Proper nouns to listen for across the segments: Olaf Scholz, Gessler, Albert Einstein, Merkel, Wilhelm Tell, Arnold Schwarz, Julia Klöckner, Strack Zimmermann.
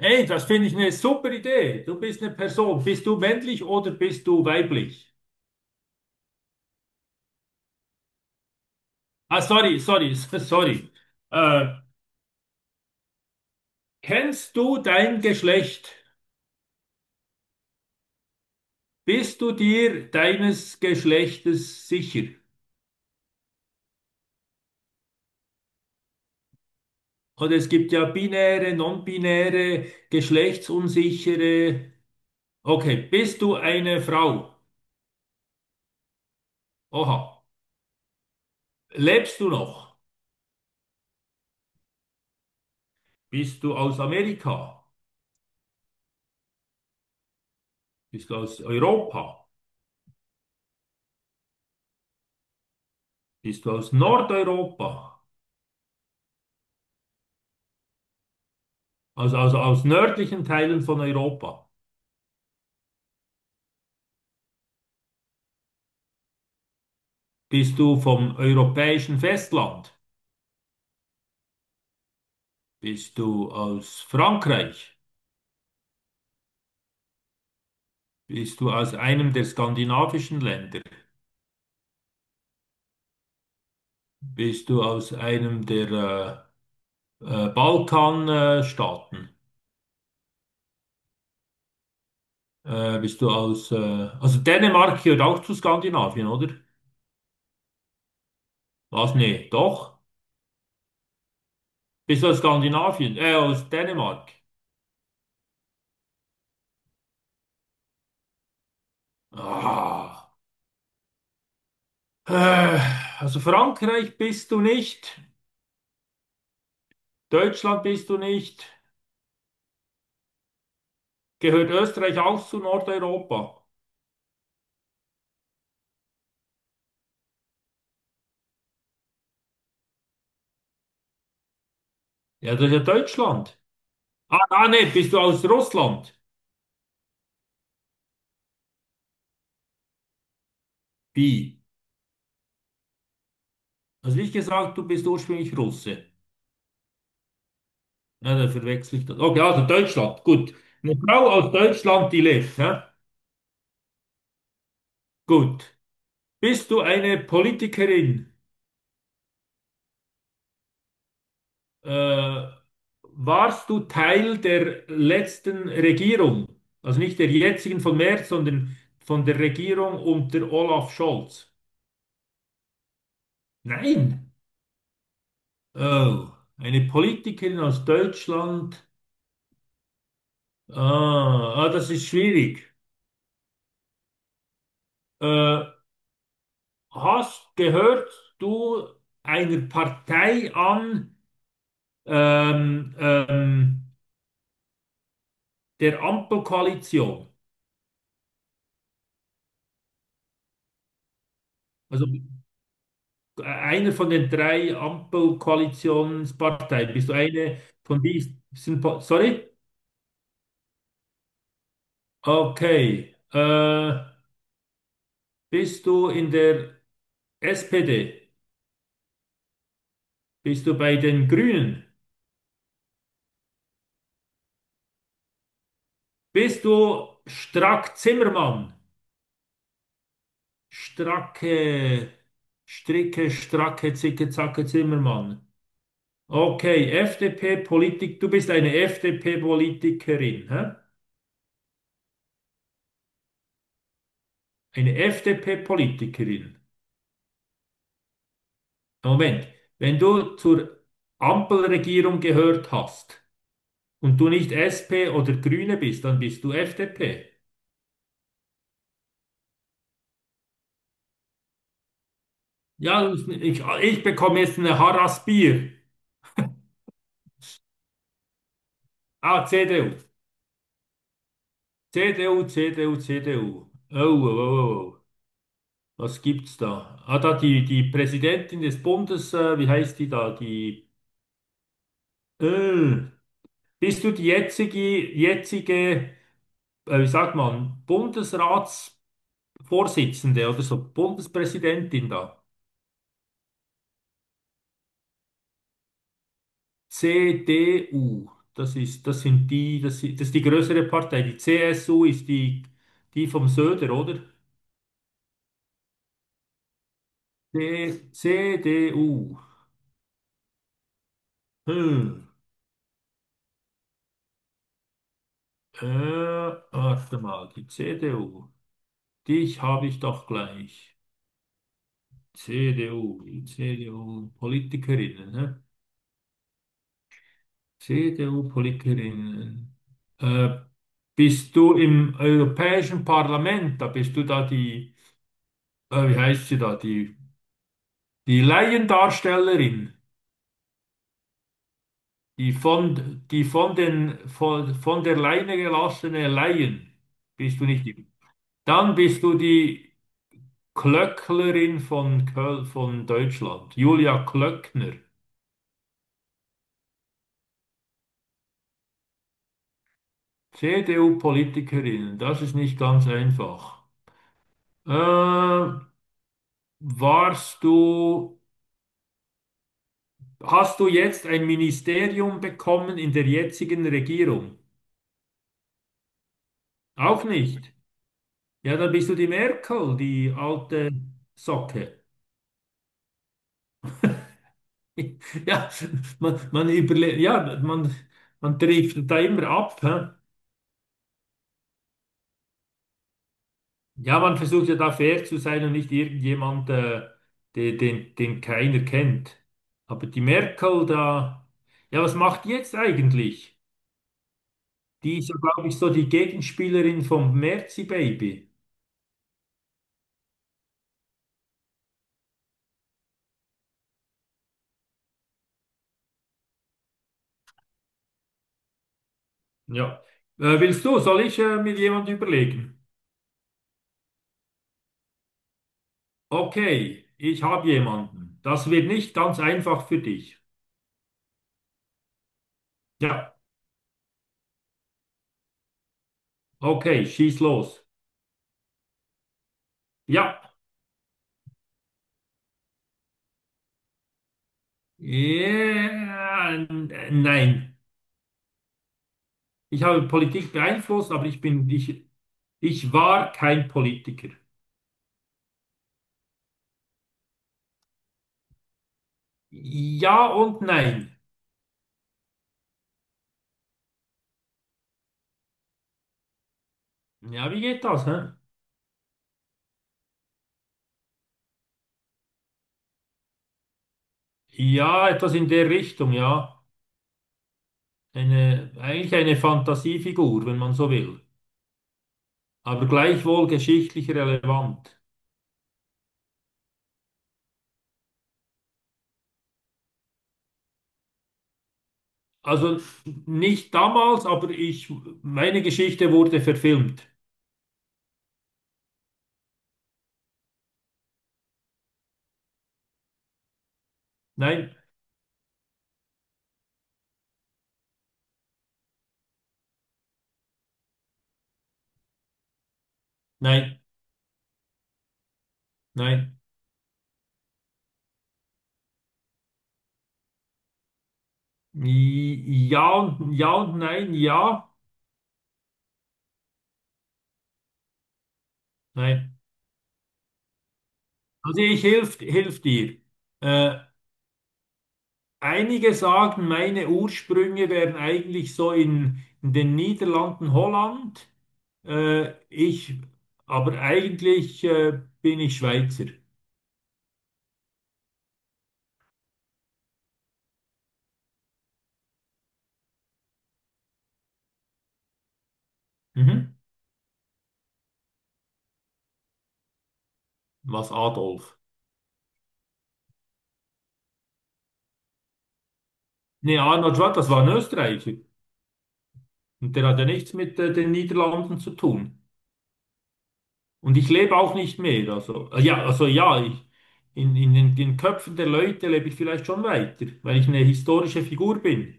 Hey, das finde ich eine super Idee. Du bist eine Person. Bist du männlich oder bist du weiblich? Ah, sorry, sorry, sorry. Äh, Kennst du dein Geschlecht? Bist du dir deines Geschlechtes sicher? Und es gibt ja binäre, non-binäre, geschlechtsunsichere. Okay, bist du eine Frau? Oha. Lebst du noch? Bist du aus Amerika? Bist du aus Europa? Bist du aus Nordeuropa? Also aus nördlichen Teilen von Europa. Bist du vom europäischen Festland? Bist du aus Frankreich? Bist du aus einem der skandinavischen Länder? Bist du aus einem der Balkanstaaten? Staaten? Bist du aus... also Dänemark gehört auch zu Skandinavien, oder? Was? Nee, doch. Bist du aus Skandinavien? Aus Dänemark. Ah. Äh, also Frankreich bist du nicht. Deutschland bist du nicht. Gehört Österreich auch zu Nordeuropa? Ja, das ist ja Deutschland. Ah, ah, nee, bist du aus Russland? Wie? Also wie gesagt, du bist ursprünglich Russe. Ja, da verwechsel ich das. Okay, also Deutschland, gut. Eine Frau aus Deutschland, die lebt, ja? Gut. Bist du eine Politikerin? Äh, warst du Teil der letzten Regierung? Also nicht der jetzigen von März, sondern von der Regierung unter Olaf Scholz? Nein. Oh, eine Politikerin aus Deutschland. Ah, ah, das ist schwierig. Äh, hast gehört du einer Partei an ähm, ähm, der Ampelkoalition? Also einer von den drei Ampelkoalitionsparteien. Bist du eine von diesen? Sorry? Okay. Bist du in der SPD? Bist du bei den Grünen? Bist du Strack Zimmermann? Stracke, Stricke, Stracke, Zicke, Zacke, Zimmermann. Okay, FDP-Politik, du bist eine FDP-Politikerin, hä? Eine FDP-Politikerin. Moment, wenn du zur Ampelregierung gehört hast und du nicht SP oder Grüne bist, dann bist du FDP. Ja, ich bekomme jetzt eine Harass-Bier. Ah, CDU. CDU, CDU, CDU. Oh, oh, oh, oh. Was gibt's da? Ah, da die Präsidentin des Bundes, wie heißt die da? Die, äh, bist du die jetzige, wie sagt man, Bundesratsvorsitzende oder so, Bundespräsidentin da? CDU, das ist die größere Partei. Die CSU ist die vom Söder, oder? C, CDU. Hm. Äh, warte mal, die CDU. Dich habe ich doch gleich. CDU, die CDU-Politikerinnen, ne? CDU-Politikerinnen. Äh, bist du im Europäischen Parlament, da bist du da wie heißt sie da, die Laiendarstellerin, die von, von der Leine gelassene Laien. Bist du nicht die? Dann bist du die. Klöcklerin von Köl von Deutschland, Julia Klöckner, CDU-Politikerin, das ist nicht ganz einfach. Äh, warst du, hast du jetzt ein Ministerium bekommen in der jetzigen Regierung? Auch nicht. Ja, dann bist du die Merkel, die alte Socke. Ja, man überle ja, man trifft da immer ab. Hä? Ja, man versucht ja da fair zu sein und nicht irgendjemand, den keiner kennt. Aber die Merkel da, ja, was macht die jetzt eigentlich? Die ist ja, glaube ich, so die Gegenspielerin vom Merzi-Baby. Ja. Willst du, soll ich mir jemand überlegen? Okay, ich habe jemanden. Das wird nicht ganz einfach für dich. Ja, okay, schieß los. Ja. Nein. Ich habe Politik beeinflusst, aber ich bin nicht. Ich war kein Politiker. Ja und nein. Ja, wie geht das? Hä? Ja, etwas in der Richtung, ja. Eigentlich eine Fantasiefigur, wenn man so will. Aber gleichwohl geschichtlich relevant. Also nicht damals, aber meine Geschichte wurde verfilmt. Nein, nein, nein. Ja und, ja und nein, ja, nein. Also ich hilft, hilft dir. Äh, Einige sagen, meine Ursprünge wären eigentlich so in den Niederlanden, Holland. Äh, ich, aber eigentlich bin ich Schweizer. Mhm. Was Adolf? Nee, Arnold Schwarz, das war ein Österreicher. Und der hat ja nichts mit den Niederlanden zu tun. Und ich lebe auch nicht mehr. Also, in, den Köpfen der Leute lebe ich vielleicht schon weiter, weil ich eine historische Figur bin.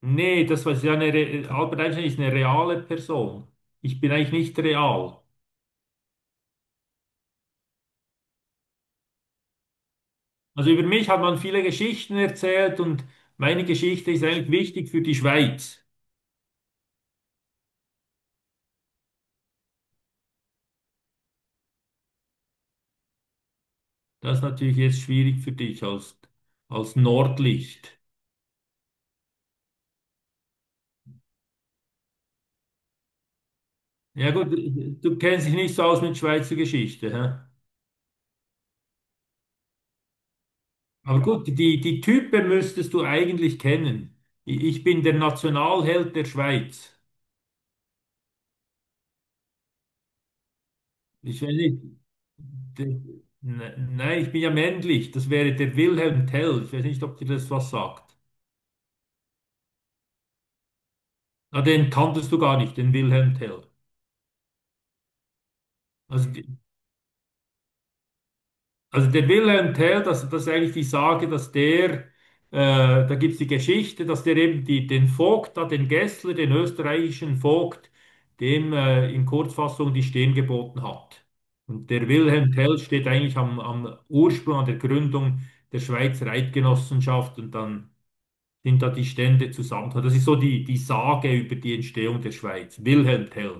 Nee, das war ja Albert Einstein ist eine reale Person. Ich bin eigentlich nicht real. Also über mich hat man viele Geschichten erzählt und meine Geschichte ist eigentlich wichtig für die Schweiz. Das ist natürlich jetzt schwierig für als Nordlicht. Ja gut, du kennst dich nicht so aus mit Schweizer Geschichte. Hä? Aber gut, die Typen müsstest du eigentlich kennen. Ich bin der Nationalheld der Schweiz. Ich weiß nicht. De- Nein, ich bin ja männlich. Das wäre der Wilhelm Tell. Ich weiß nicht, ob dir das was sagt. Na, den kanntest du gar nicht, den Wilhelm Tell. Also, die- also der Wilhelm Tell, das ist eigentlich die Sage, dass da gibt es die Geschichte, dass der eben den Vogt, da, den Gessler, den österreichischen Vogt, dem in Kurzfassung die Stirn geboten hat. Und der Wilhelm Tell steht eigentlich am Ursprung, an der Gründung der Schweizer Eidgenossenschaft und dann sind da die Stände zusammengekommen. Das ist so die Sage über die Entstehung der Schweiz. Wilhelm Tell.